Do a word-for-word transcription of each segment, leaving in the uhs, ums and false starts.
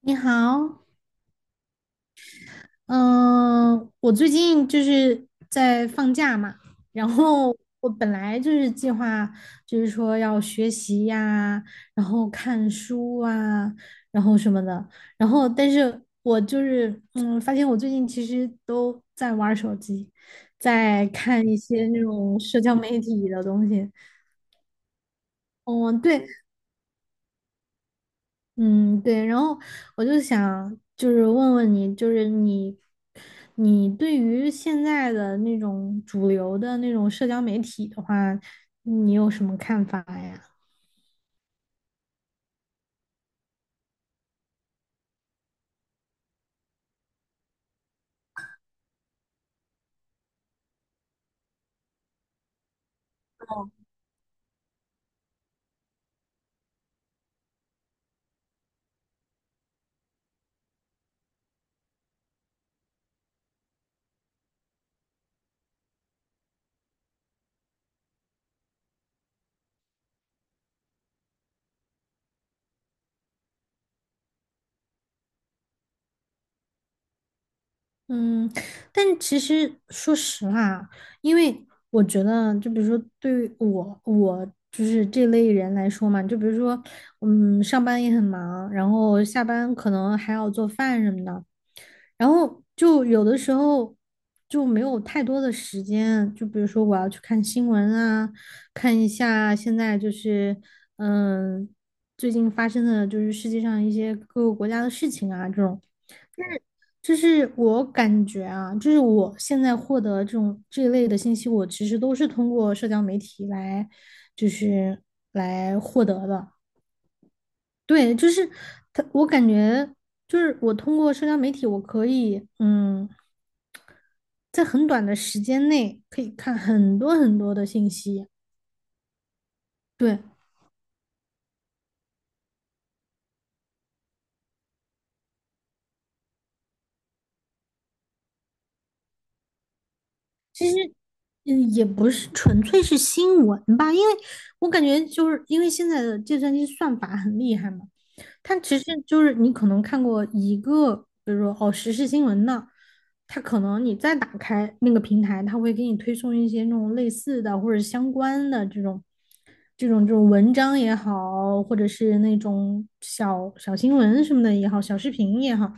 你好，嗯、我最近就是在放假嘛，然后我本来就是计划，就是说要学习呀，然后看书啊，然后什么的，然后但是我就是嗯，发现我最近其实都在玩儿手机，在看一些那种社交媒体的东西。嗯，对。嗯，对，然后我就想，就是问问你，就是你，你对于现在的那种主流的那种社交媒体的话，你有什么看法呀？嗯，但其实说实话，因为我觉得，就比如说对于我，我就是这类人来说嘛。就比如说，嗯，上班也很忙，然后下班可能还要做饭什么的，然后就有的时候就没有太多的时间。就比如说我要去看新闻啊，看一下现在就是，嗯，最近发生的就是世界上一些各个国家的事情啊，这种。就是我感觉啊，就是我现在获得这种这一类的信息，我其实都是通过社交媒体来，就是来获得的。对，就是他，我感觉就是我通过社交媒体，我可以嗯，在很短的时间内可以看很多很多的信息。对，其实嗯，也不是纯粹是新闻吧，因为我感觉就是因为现在的计算机算法很厉害嘛。它其实就是你可能看过一个，比如说哦时事新闻的，它可能你再打开那个平台，它会给你推送一些那种类似的或者相关的这种这种这种文章也好，或者是那种小小新闻什么的也好，小视频也好，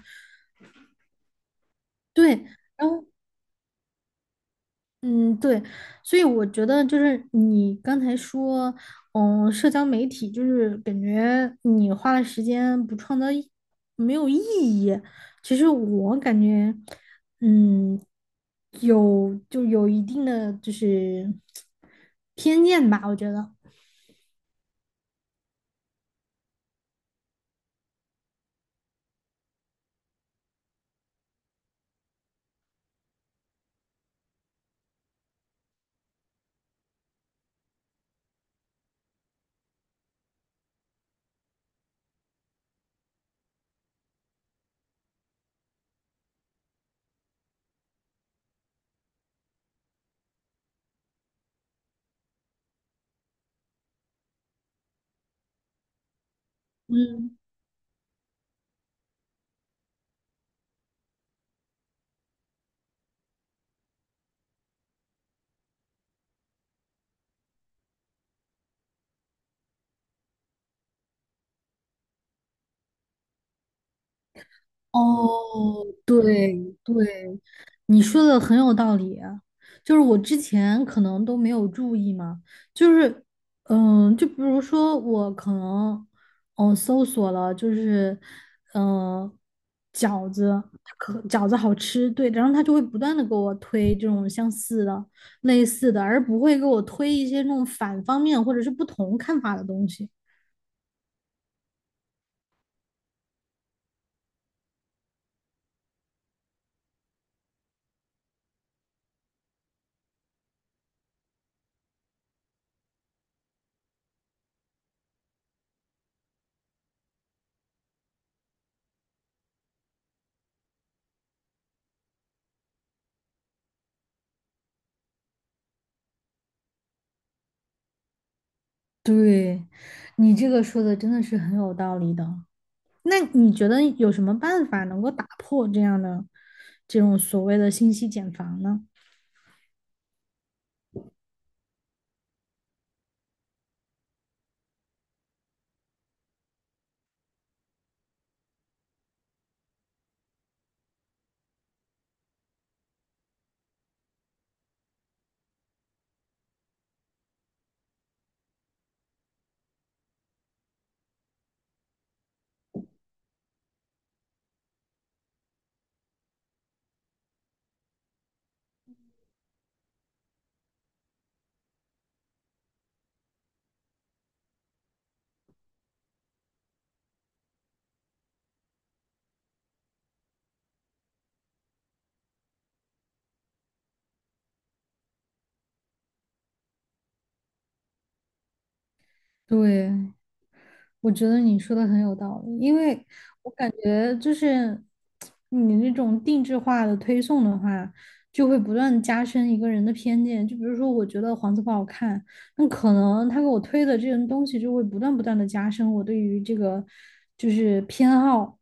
对。然后，嗯，对，所以我觉得就是你刚才说，嗯，社交媒体就是感觉你花了时间不创造意，没有意义。其实我感觉，嗯，有就有一定的就是偏见吧，我觉得。嗯。哦，对对，你说的很有道理啊。就是我之前可能都没有注意嘛，就是，嗯，就比如说我可能，嗯，搜索了，就是，嗯，饺子，可饺子好吃，对，然后他就会不断的给我推这种相似的、类似的，而不会给我推一些那种反方面或者是不同看法的东西。对，你这个说的真的是很有道理的。那你觉得有什么办法能够打破这样的这种所谓的信息茧房呢？对，我觉得你说的很有道理，因为我感觉就是你那种定制化的推送的话，就会不断加深一个人的偏见。就比如说，我觉得黄色不好看，那可能他给我推的这些东西就会不断不断的加深我对于这个就是偏好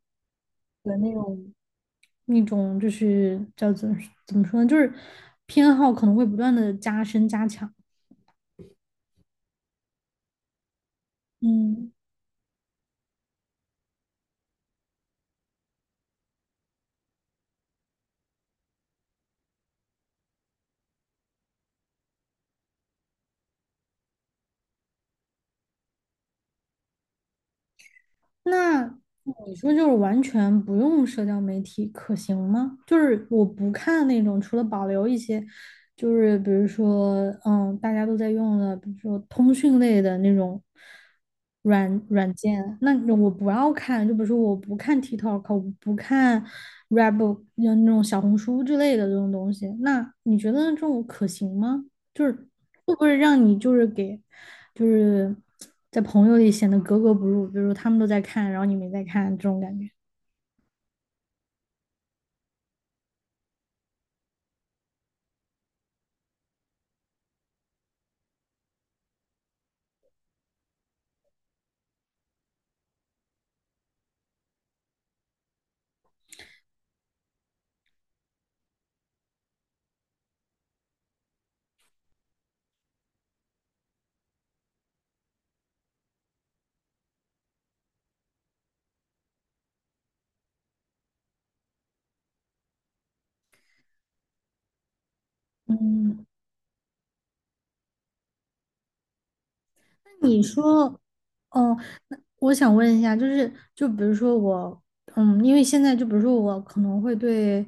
的那种。那种就是叫怎怎么说呢，就是偏好可能会不断的加深加强。嗯，那你说就是完全不用社交媒体可行吗？就是我不看那种，除了保留一些，就是比如说嗯大家都在用的，比如说通讯类的那种。软软件，那我不要看，就比如说我不看 T I K T O K，我不看 r b o o k p 那种小红书之类的这种东西，那你觉得这种可行吗？就是会不会让你就是给，就是在朋友里显得格格不入，比如说他们都在看，然后你没在看这种感觉。嗯，那你说，哦，那我想问一下，就是就比如说我，嗯，因为现在就比如说我可能会对，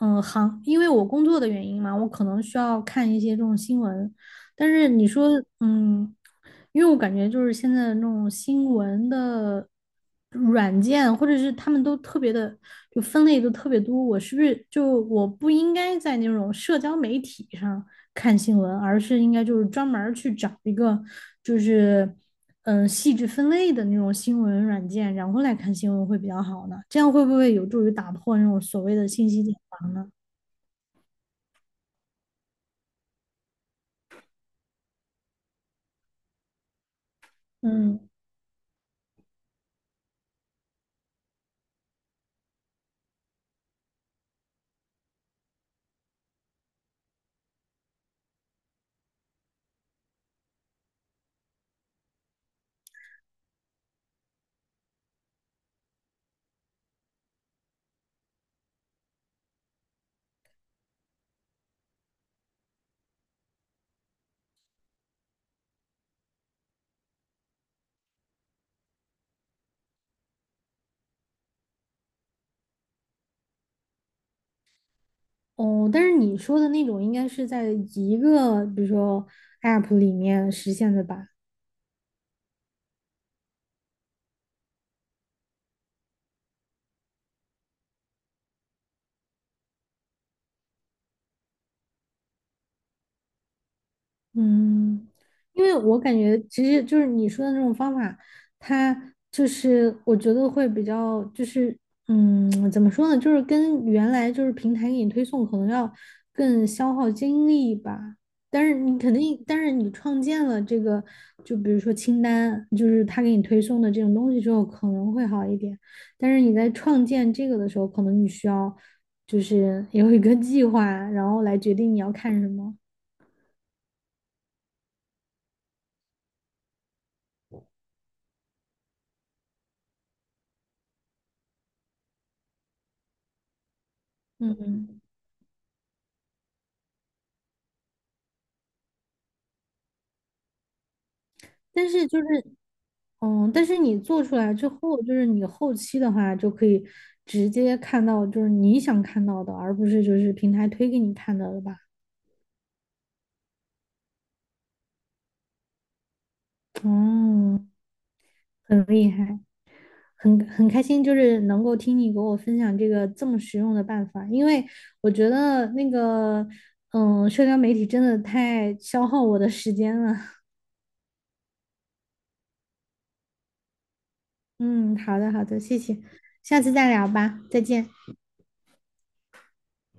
嗯，行，因为我工作的原因嘛，我可能需要看一些这种新闻。但是你说，嗯，因为我感觉就是现在的那种新闻的软件，或者是他们都特别的，就分类都特别多。我是不是就我不应该在那种社交媒体上看新闻，而是应该就是专门儿去找一个就是嗯细致分类的那种新闻软件，然后来看新闻会比较好呢？这样会不会有助于打破那种所谓的信息茧房呢？嗯。哦，但是你说的那种应该是在一个，比如说 A P P 里面实现的吧？嗯，因为我感觉其实就是你说的那种方法，它就是我觉得会比较就是嗯，怎么说呢，就是跟原来就是平台给你推送可能要更消耗精力吧。但是你肯定，但是你创建了这个，就比如说清单，就是他给你推送的这种东西之后，可能会好一点。但是你在创建这个的时候，可能你需要就是有一个计划，然后来决定你要看什么。嗯但是就是，嗯，但是你做出来之后，就是你后期的话就可以直接看到，就是你想看到的，而不是就是平台推给你看到的吧？哦，很厉害，很很开心，就是能够听你给我分享这个这么实用的办法，因为我觉得那个，嗯，社交媒体真的太消耗我的时间了。嗯，好的好的，谢谢，下次再聊吧，再见。